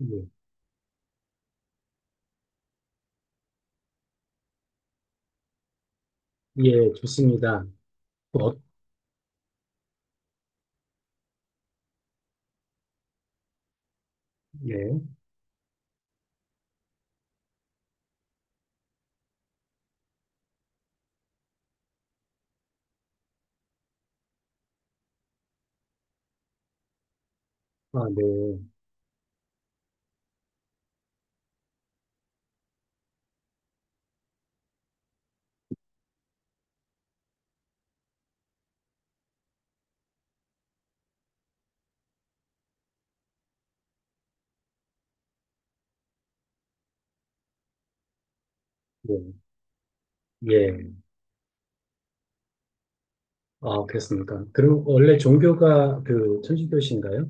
예, 예, 좋습니다. 어, 예, 아, 네, 예, 예, 아, 그렇습니까? 그럼 원래 종교가 그 천주교신가요?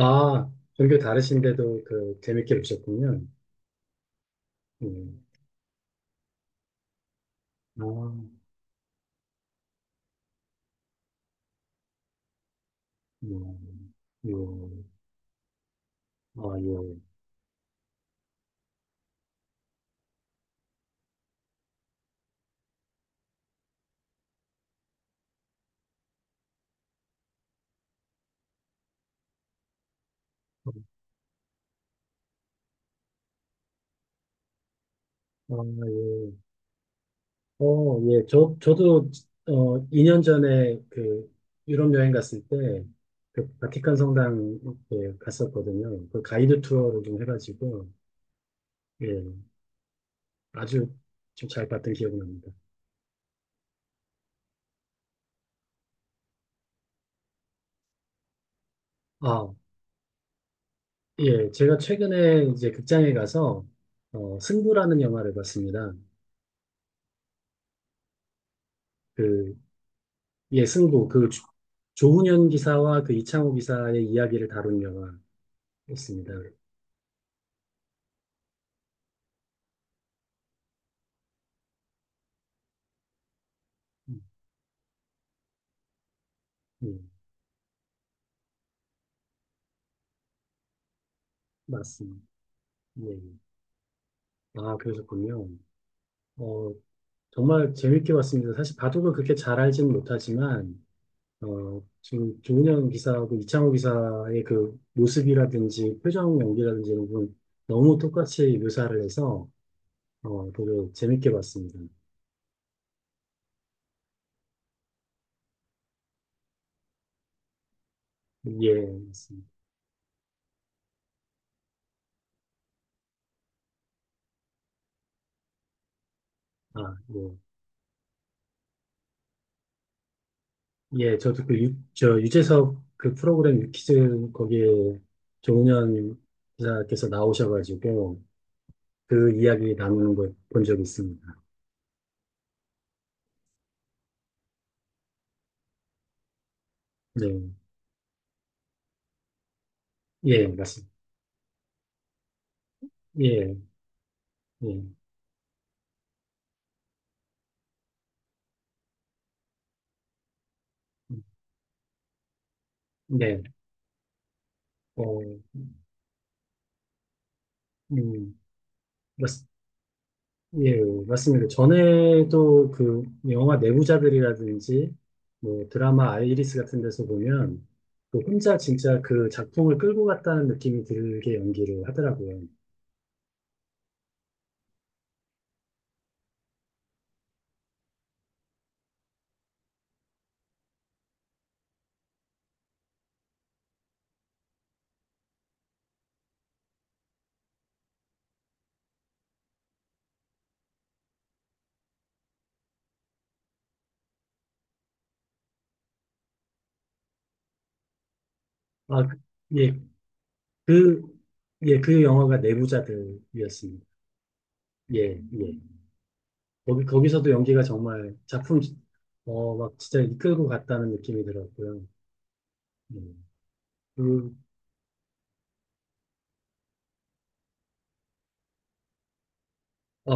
아, 종교 다르신데도 그 재밌게 보셨군요. 예, 아, 예, 예, 아, 예, 아, 예, 예, 저도, 2년 전에 그 유럽 여행 갔을 때, 그 바티칸 성당 예, 갔었거든요. 그 가이드 투어를 좀 해가지고, 예. 아주 좀 잘 봤던 기억이 납니다. 아, 예. 제가 최근에 이제 극장에 가서, 승부라는 영화를 봤습니다. 그, 예, 승부. 그 조훈현 기사와 그 이창호 기사의 이야기를 다룬 영화였습니다. 음, 음, 맞습니다. 예. 아, 그러셨군요. 어, 정말 재밌게 봤습니다. 사실 바둑을 그렇게 잘 알지는 못하지만, 지금 조은현 기사하고 이창호 기사의 그 모습이라든지 표정 연기라든지 이런 부분 너무 똑같이 묘사를 해서 되게 재밌게 봤습니다. 예, 맞습니다. 아, 예. 예, 저도 그 유, 저 유재석 그 프로그램 유퀴즈 거기에 조은현 기사께서 나오셔가지고 그 이야기 나누는 걸 본 적이 있습니다. 네, 예, 맞습니다. 예, 예, 네, 어, 음, 맞습니다. 예, 맞습니다. 전에도 그 영화 내부자들이라든지 뭐 드라마 아이리스 같은 데서 보면 그 혼자 진짜 그 작품을 끌고 갔다는 느낌이 들게 연기를 하더라고요. 아, 예, 그, 예, 그 영화가 내부자들이었습니다. 예, 예. 거기서도 연기가 정말 작품, 막 진짜 이끌고 갔다는 느낌이 들었고요. 예. 그, 아,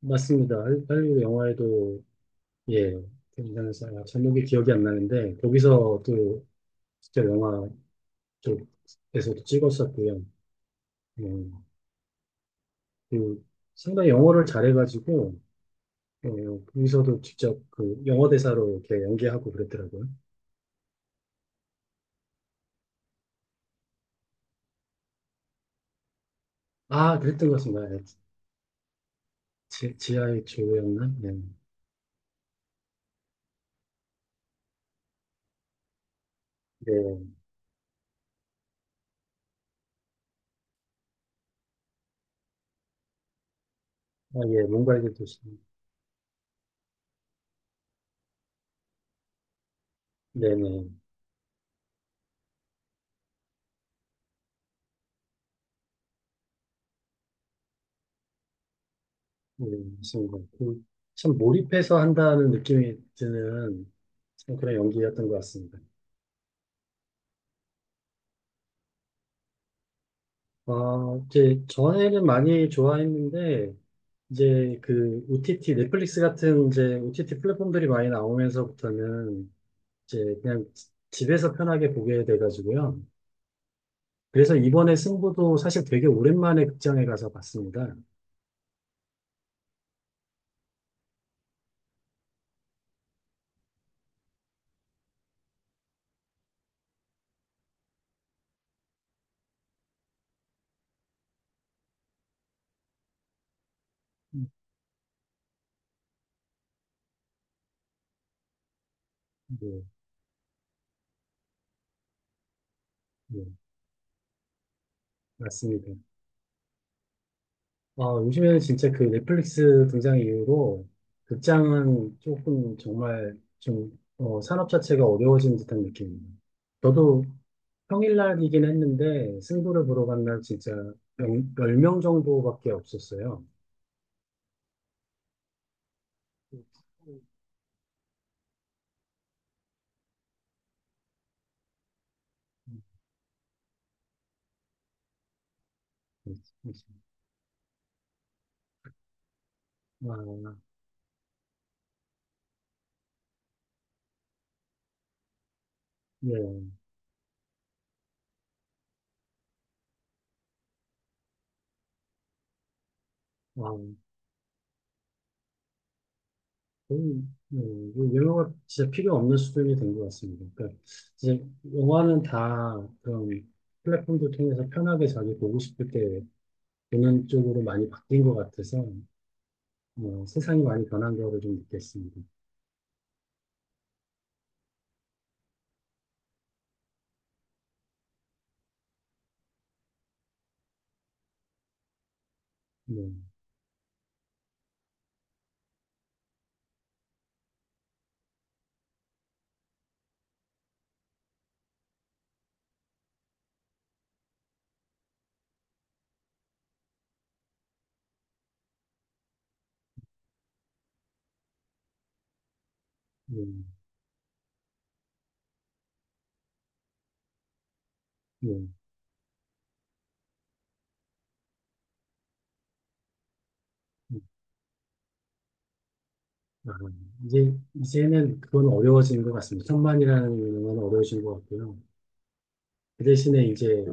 맞습니다. 할리우드 영화에도 예, 등장해서 아, 제목이 기억이 안 나는데 거기서 또 진짜 영화 쪽에서도 찍었었고요. 음, 그 상당히 영어를 잘해가지고 거기서도 직접 그 영어 대사로 이렇게 연기하고 그랬더라고요. 아, 그랬던 것 같습니다. 예, 지하의 조였나? 네, 네, 아, 예, 뭔가 이게 또 네네, 네, 맞습니다. 그, 참 몰입해서 한다는 느낌이 드는 참 그런 연기였던 것 같습니다. 아, 이제 전에는 많이 좋아했는데 이제 그 OTT 넷플릭스 같은 이제 OTT 플랫폼들이 많이 나오면서부터는 이제 그냥 집에서 편하게 보게 돼가지고요. 그래서 이번에 승부도 사실 되게 오랜만에 극장에 가서 봤습니다. 음, 네, 네, 맞습니다. 아, 요즘에는 진짜 그 넷플릭스 등장 이후로 극장은 조금 정말 좀 산업 자체가 어려워진 듯한 느낌입니다. 저도 평일날이긴 했는데 승부를 보러 간 날 진짜 10명 정도밖에 없었어요. 아, 예. 아, 거의, 예, 뭐 영화가 진짜 필요 없는 수준이 된 것 같습니다. 그러니까 이제 영화는 다 그런 플랫폼도 통해서 편하게 자기 보고 싶을 때 그런 쪽으로 많이 바뀐 것 같아서 뭐, 세상이 많이 변한 거를 좀 느꼈습니다. 네, 네, 네. 아, 이제는 그건 어려워지는 것 같습니다. 천만이라는 건 어려워진 것 같고요. 그 대신에 이제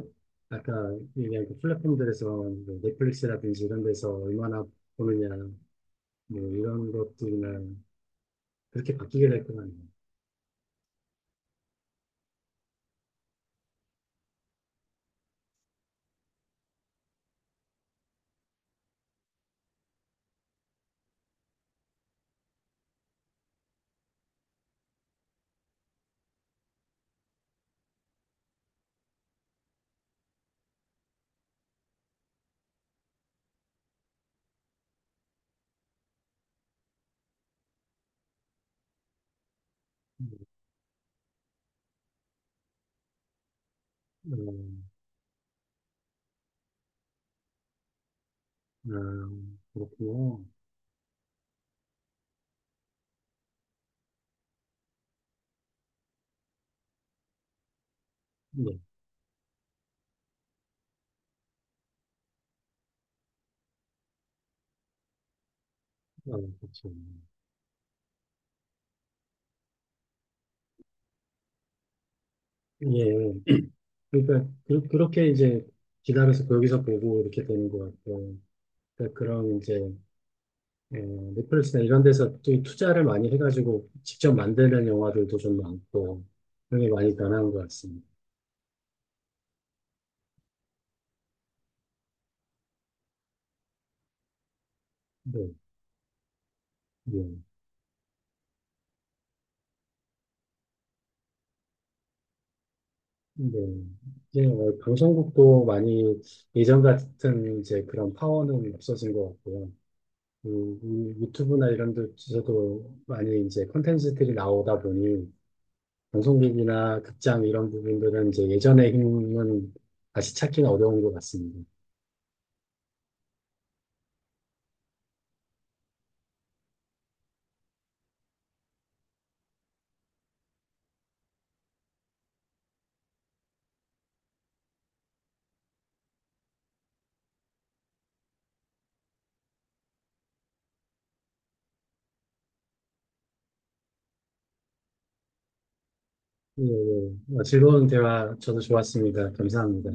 아까 얘기한 그 플랫폼들에서 뭐 넷플릭스라든지 이런 데서 얼마나 보느냐 뭐 이런 것들이나 그렇게 바뀌게 될 것 같네요. 네. 아, 그렇군요. 네, 아, 그렇죠. 예, 예. 그러니까 그, 그렇게 이제 기다려서 거기서 보고 이렇게 되는 것 같고 그러니까 그런 이제 어, 넷플릭스나 이런 데서 또 투자를 많이 해가지고 직접 만드는 영화들도 좀 많고 그런 게 많이 변한 것 같습니다. 네, 네, 네. 이제 방송국도 많이 예전 같은 이제 그런 파워는 없어진 것 같고요. 그, 이 유튜브나 이런 데서도 많이 이제 콘텐츠들이 나오다 보니 방송국이나 극장 이런 부분들은 이제 예전의 힘은 다시 찾기는 어려운 것 같습니다. 예, 예. 즐거운 대화 저도 좋았습니다. 감사합니다.